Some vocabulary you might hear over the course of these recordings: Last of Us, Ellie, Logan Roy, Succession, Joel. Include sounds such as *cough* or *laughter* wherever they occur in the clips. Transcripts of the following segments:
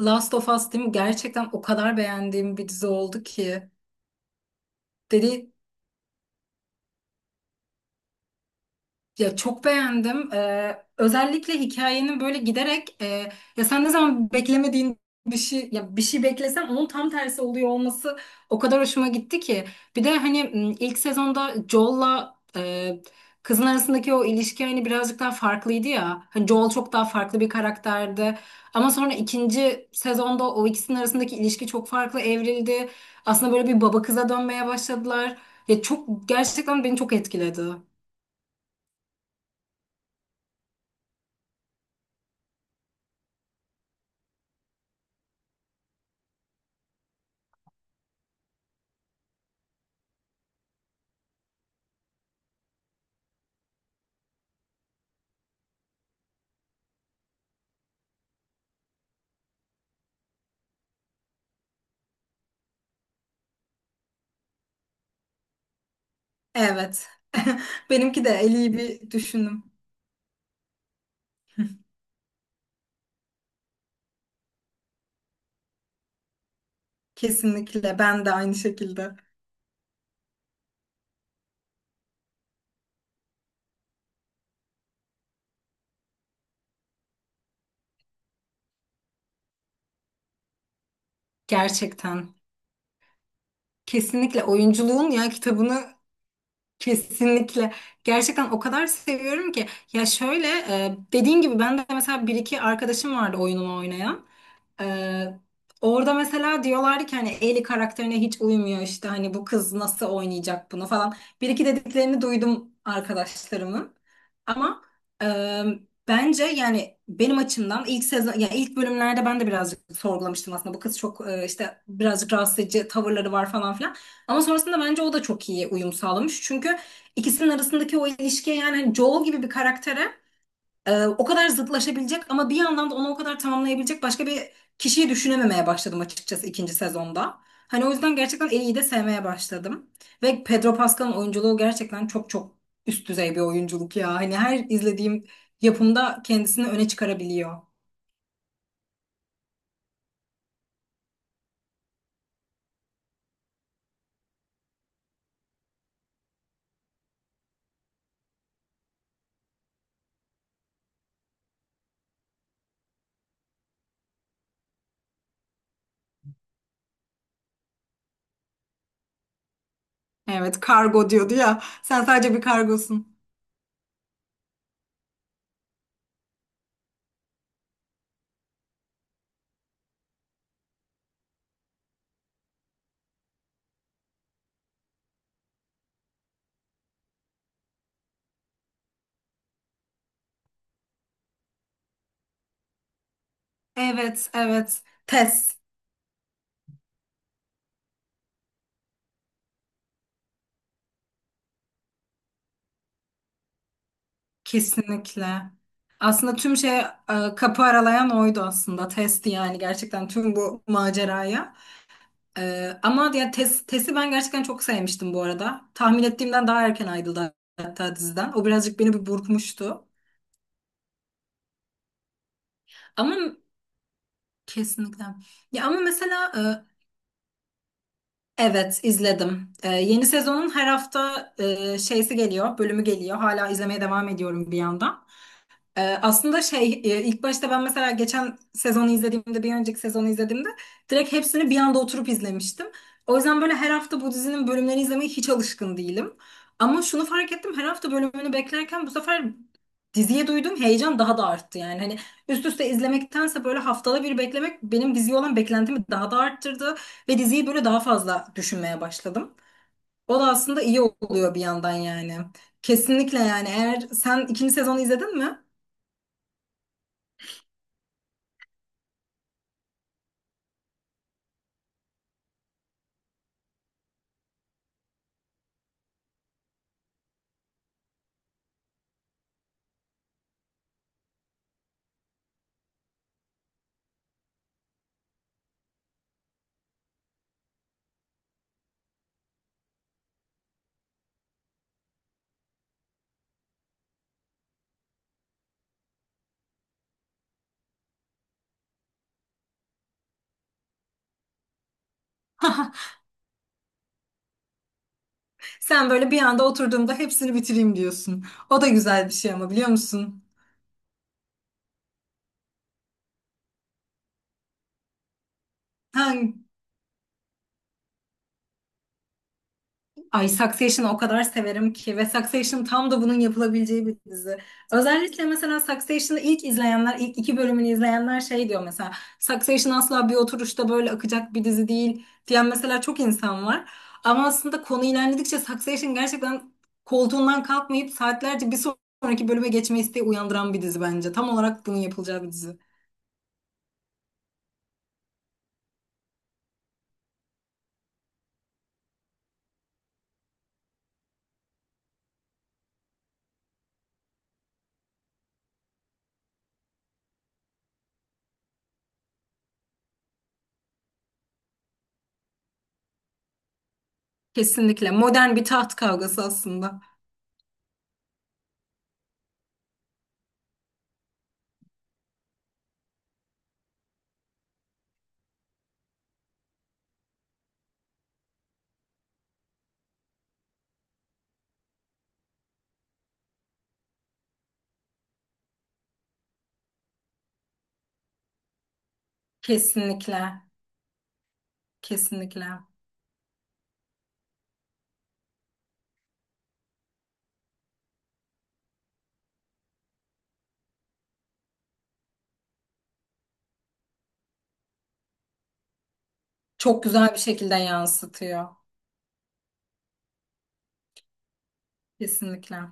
Last of Us değil mi? Gerçekten o kadar beğendiğim bir dizi oldu ki. Dedi, ya çok beğendim. Özellikle hikayenin böyle giderek ya sen ne zaman beklemediğin bir şey ya bir şey beklesen onun tam tersi oluyor olması o kadar hoşuma gitti ki. Bir de hani ilk sezonda Joel'la kızın arasındaki o ilişki hani birazcık daha farklıydı ya. Hani Joel çok daha farklı bir karakterdi. Ama sonra ikinci sezonda o ikisinin arasındaki ilişki çok farklı evrildi. Aslında böyle bir baba kıza dönmeye başladılar. Ya çok gerçekten beni çok etkiledi. Evet. *laughs* Benimki de el iyi bir düşündüm. Kesinlikle. Ben de aynı şekilde. Gerçekten. Kesinlikle oyunculuğun ya kitabını. Kesinlikle. Gerçekten o kadar seviyorum ki. Ya şöyle dediğin gibi ben de mesela bir iki arkadaşım vardı oyunumu oynayan. E, Orada mesela diyorlardı ki hani Ellie karakterine hiç uymuyor işte hani bu kız nasıl oynayacak bunu falan. Bir iki dediklerini duydum arkadaşlarımın. Ama e, bence yani benim açımdan ilk sezon ya ilk bölümlerde ben de birazcık sorgulamıştım aslında. Bu kız çok işte birazcık rahatsız edici tavırları var falan filan. Ama sonrasında bence o da çok iyi uyum sağlamış. Çünkü ikisinin arasındaki o ilişkiye yani hani Joel gibi bir karaktere o kadar zıtlaşabilecek ama bir yandan da onu o kadar tamamlayabilecek başka bir kişiyi düşünememeye başladım açıkçası ikinci sezonda. Hani o yüzden gerçekten Ellie'yi de sevmeye başladım. Ve Pedro Pascal'ın oyunculuğu gerçekten çok çok üst düzey bir oyunculuk ya. Hani her izlediğim yapımda kendisini öne çıkarabiliyor. Evet, kargo diyordu ya. Sen sadece bir kargosun. Evet, evet. Test, kesinlikle. Aslında tüm şey kapı aralayan oydu aslında. Testi yani gerçekten tüm bu maceraya. E, ama ya tes, Test'i ben gerçekten çok sevmiştim bu arada. Tahmin ettiğimden daha erken ayrıldı hatta diziden. O birazcık beni bir burkmuştu. Ama kesinlikle. Ya ama mesela evet izledim. E, yeni sezonun her hafta şeysi geliyor, bölümü geliyor. Hala izlemeye devam ediyorum bir yandan. Aslında şey ilk başta ben mesela geçen sezonu izlediğimde bir önceki sezonu izlediğimde direkt hepsini bir anda oturup izlemiştim. O yüzden böyle her hafta bu dizinin bölümlerini izlemeye hiç alışkın değilim. Ama şunu fark ettim, her hafta bölümünü beklerken bu sefer diziye duyduğum heyecan daha da arttı. Yani hani üst üste izlemektense böyle haftada bir beklemek benim diziye olan beklentimi daha da arttırdı. Ve diziyi böyle daha fazla düşünmeye başladım. O da aslında iyi oluyor bir yandan yani. Kesinlikle yani, eğer sen ikinci sezonu izledin mi? *laughs* Sen böyle bir anda oturduğumda hepsini bitireyim diyorsun. O da güzel bir şey ama biliyor musun? Ha, ay Succession'ı o kadar severim ki, ve Succession tam da bunun yapılabileceği bir dizi. Özellikle mesela Succession'ı ilk izleyenler, ilk iki bölümünü izleyenler şey diyor mesela. Succession asla bir oturuşta böyle akacak bir dizi değil diyen mesela çok insan var. Ama aslında konu ilerledikçe Succession gerçekten koltuğundan kalkmayıp saatlerce bir sonraki bölüme geçme isteği uyandıran bir dizi bence. Tam olarak bunun yapılacağı bir dizi. Kesinlikle. Modern bir taht kavgası aslında. Kesinlikle. Kesinlikle. Çok güzel bir şekilde yansıtıyor. Kesinlikle.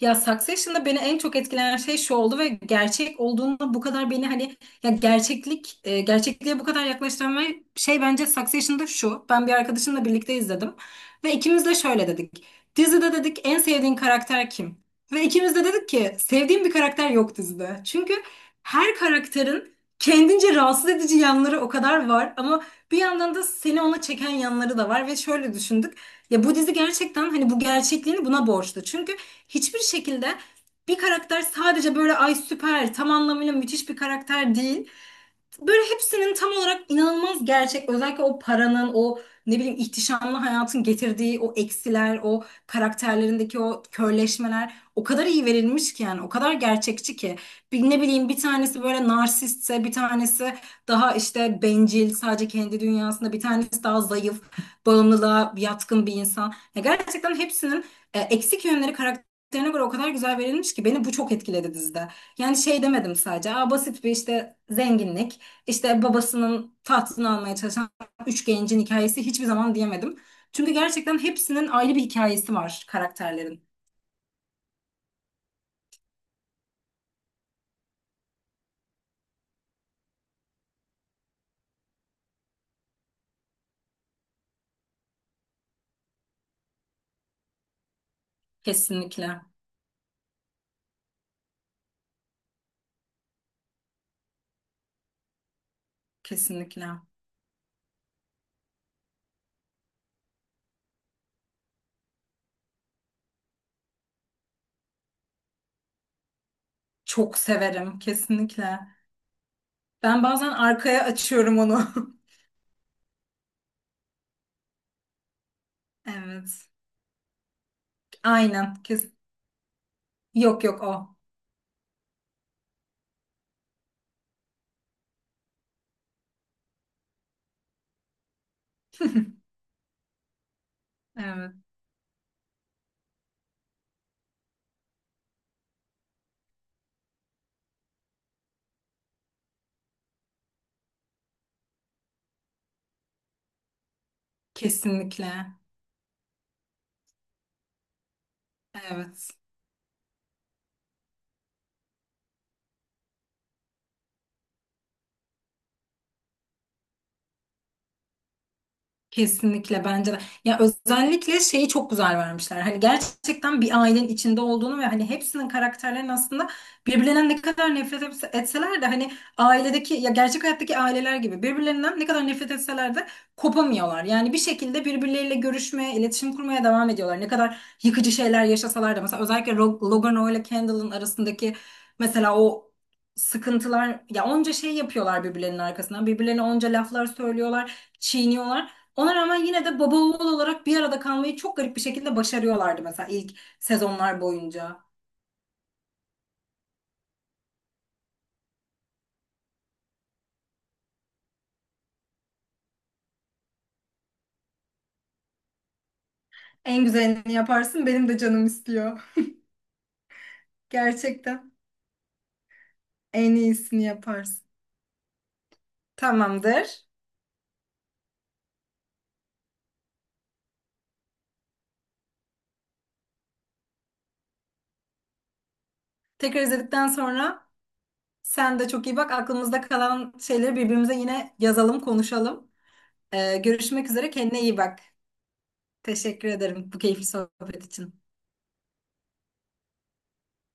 Ya Succession'da beni en çok etkileyen şey şu oldu ve gerçek olduğunda bu kadar beni hani ya gerçeklik gerçekliğe bu kadar yaklaştıran ve şey bence Succession'da şu. Ben bir arkadaşımla birlikte izledim ve ikimiz de şöyle dedik. Dizide dedik en sevdiğin karakter kim? Ve ikimiz de dedik ki sevdiğim bir karakter yok dizide. Çünkü her karakterin kendince rahatsız edici yanları o kadar var ama bir yandan da seni ona çeken yanları da var ve şöyle düşündük. Ya bu dizi gerçekten hani bu gerçekliğini buna borçlu. Çünkü hiçbir şekilde bir karakter sadece böyle ay süper tam anlamıyla müthiş bir karakter değil, böyle hepsinin tam olarak inanılmaz gerçek. Özellikle o paranın, o ne bileyim ihtişamlı hayatın getirdiği o eksiler, o karakterlerindeki o körleşmeler o kadar iyi verilmiş ki yani o kadar gerçekçi ki. Bir, ne bileyim bir tanesi böyle narsistse, bir tanesi daha işte bencil, sadece kendi dünyasında, bir tanesi daha zayıf, bağımlılığa yatkın bir insan. Ya gerçekten hepsinin eksik yönleri karakterine göre o kadar güzel verilmiş ki beni bu çok etkiledi dizide. Yani şey demedim sadece. Aa, basit bir işte zenginlik. İşte babasının tahtını almaya çalışan üç gencin hikayesi hiçbir zaman diyemedim. Çünkü gerçekten hepsinin ayrı bir hikayesi var karakterlerin. Kesinlikle. Kesinlikle. Çok severim. Kesinlikle. Ben bazen arkaya açıyorum onu. *laughs* Evet. Aynen. Kes. Yok yok o. *laughs* Evet. Kesinlikle. Evet. Kesinlikle bence de. Ya özellikle şeyi çok güzel vermişler. Hani gerçekten bir ailenin içinde olduğunu ve hani hepsinin karakterlerinin aslında birbirlerinden ne kadar etseler de hani ailedeki ya gerçek hayattaki aileler gibi birbirlerinden ne kadar nefret etseler de kopamıyorlar. Yani bir şekilde birbirleriyle görüşmeye, iletişim kurmaya devam ediyorlar. Ne kadar yıkıcı şeyler yaşasalar da mesela özellikle Logan Roy ile Kendall'ın arasındaki mesela o sıkıntılar ya onca şey yapıyorlar birbirlerinin arkasından. Birbirlerine onca laflar söylüyorlar, çiğniyorlar. Ona rağmen yine de baba oğul olarak bir arada kalmayı çok garip bir şekilde başarıyorlardı mesela ilk sezonlar boyunca. En güzelini yaparsın, benim de canım istiyor. Gerçekten en iyisini yaparsın. Tamamdır. Tekrar izledikten sonra sen de çok iyi bak. Aklımızda kalan şeyleri birbirimize yine yazalım, konuşalım. Görüşmek üzere. Kendine iyi bak. Teşekkür ederim bu keyifli sohbet için.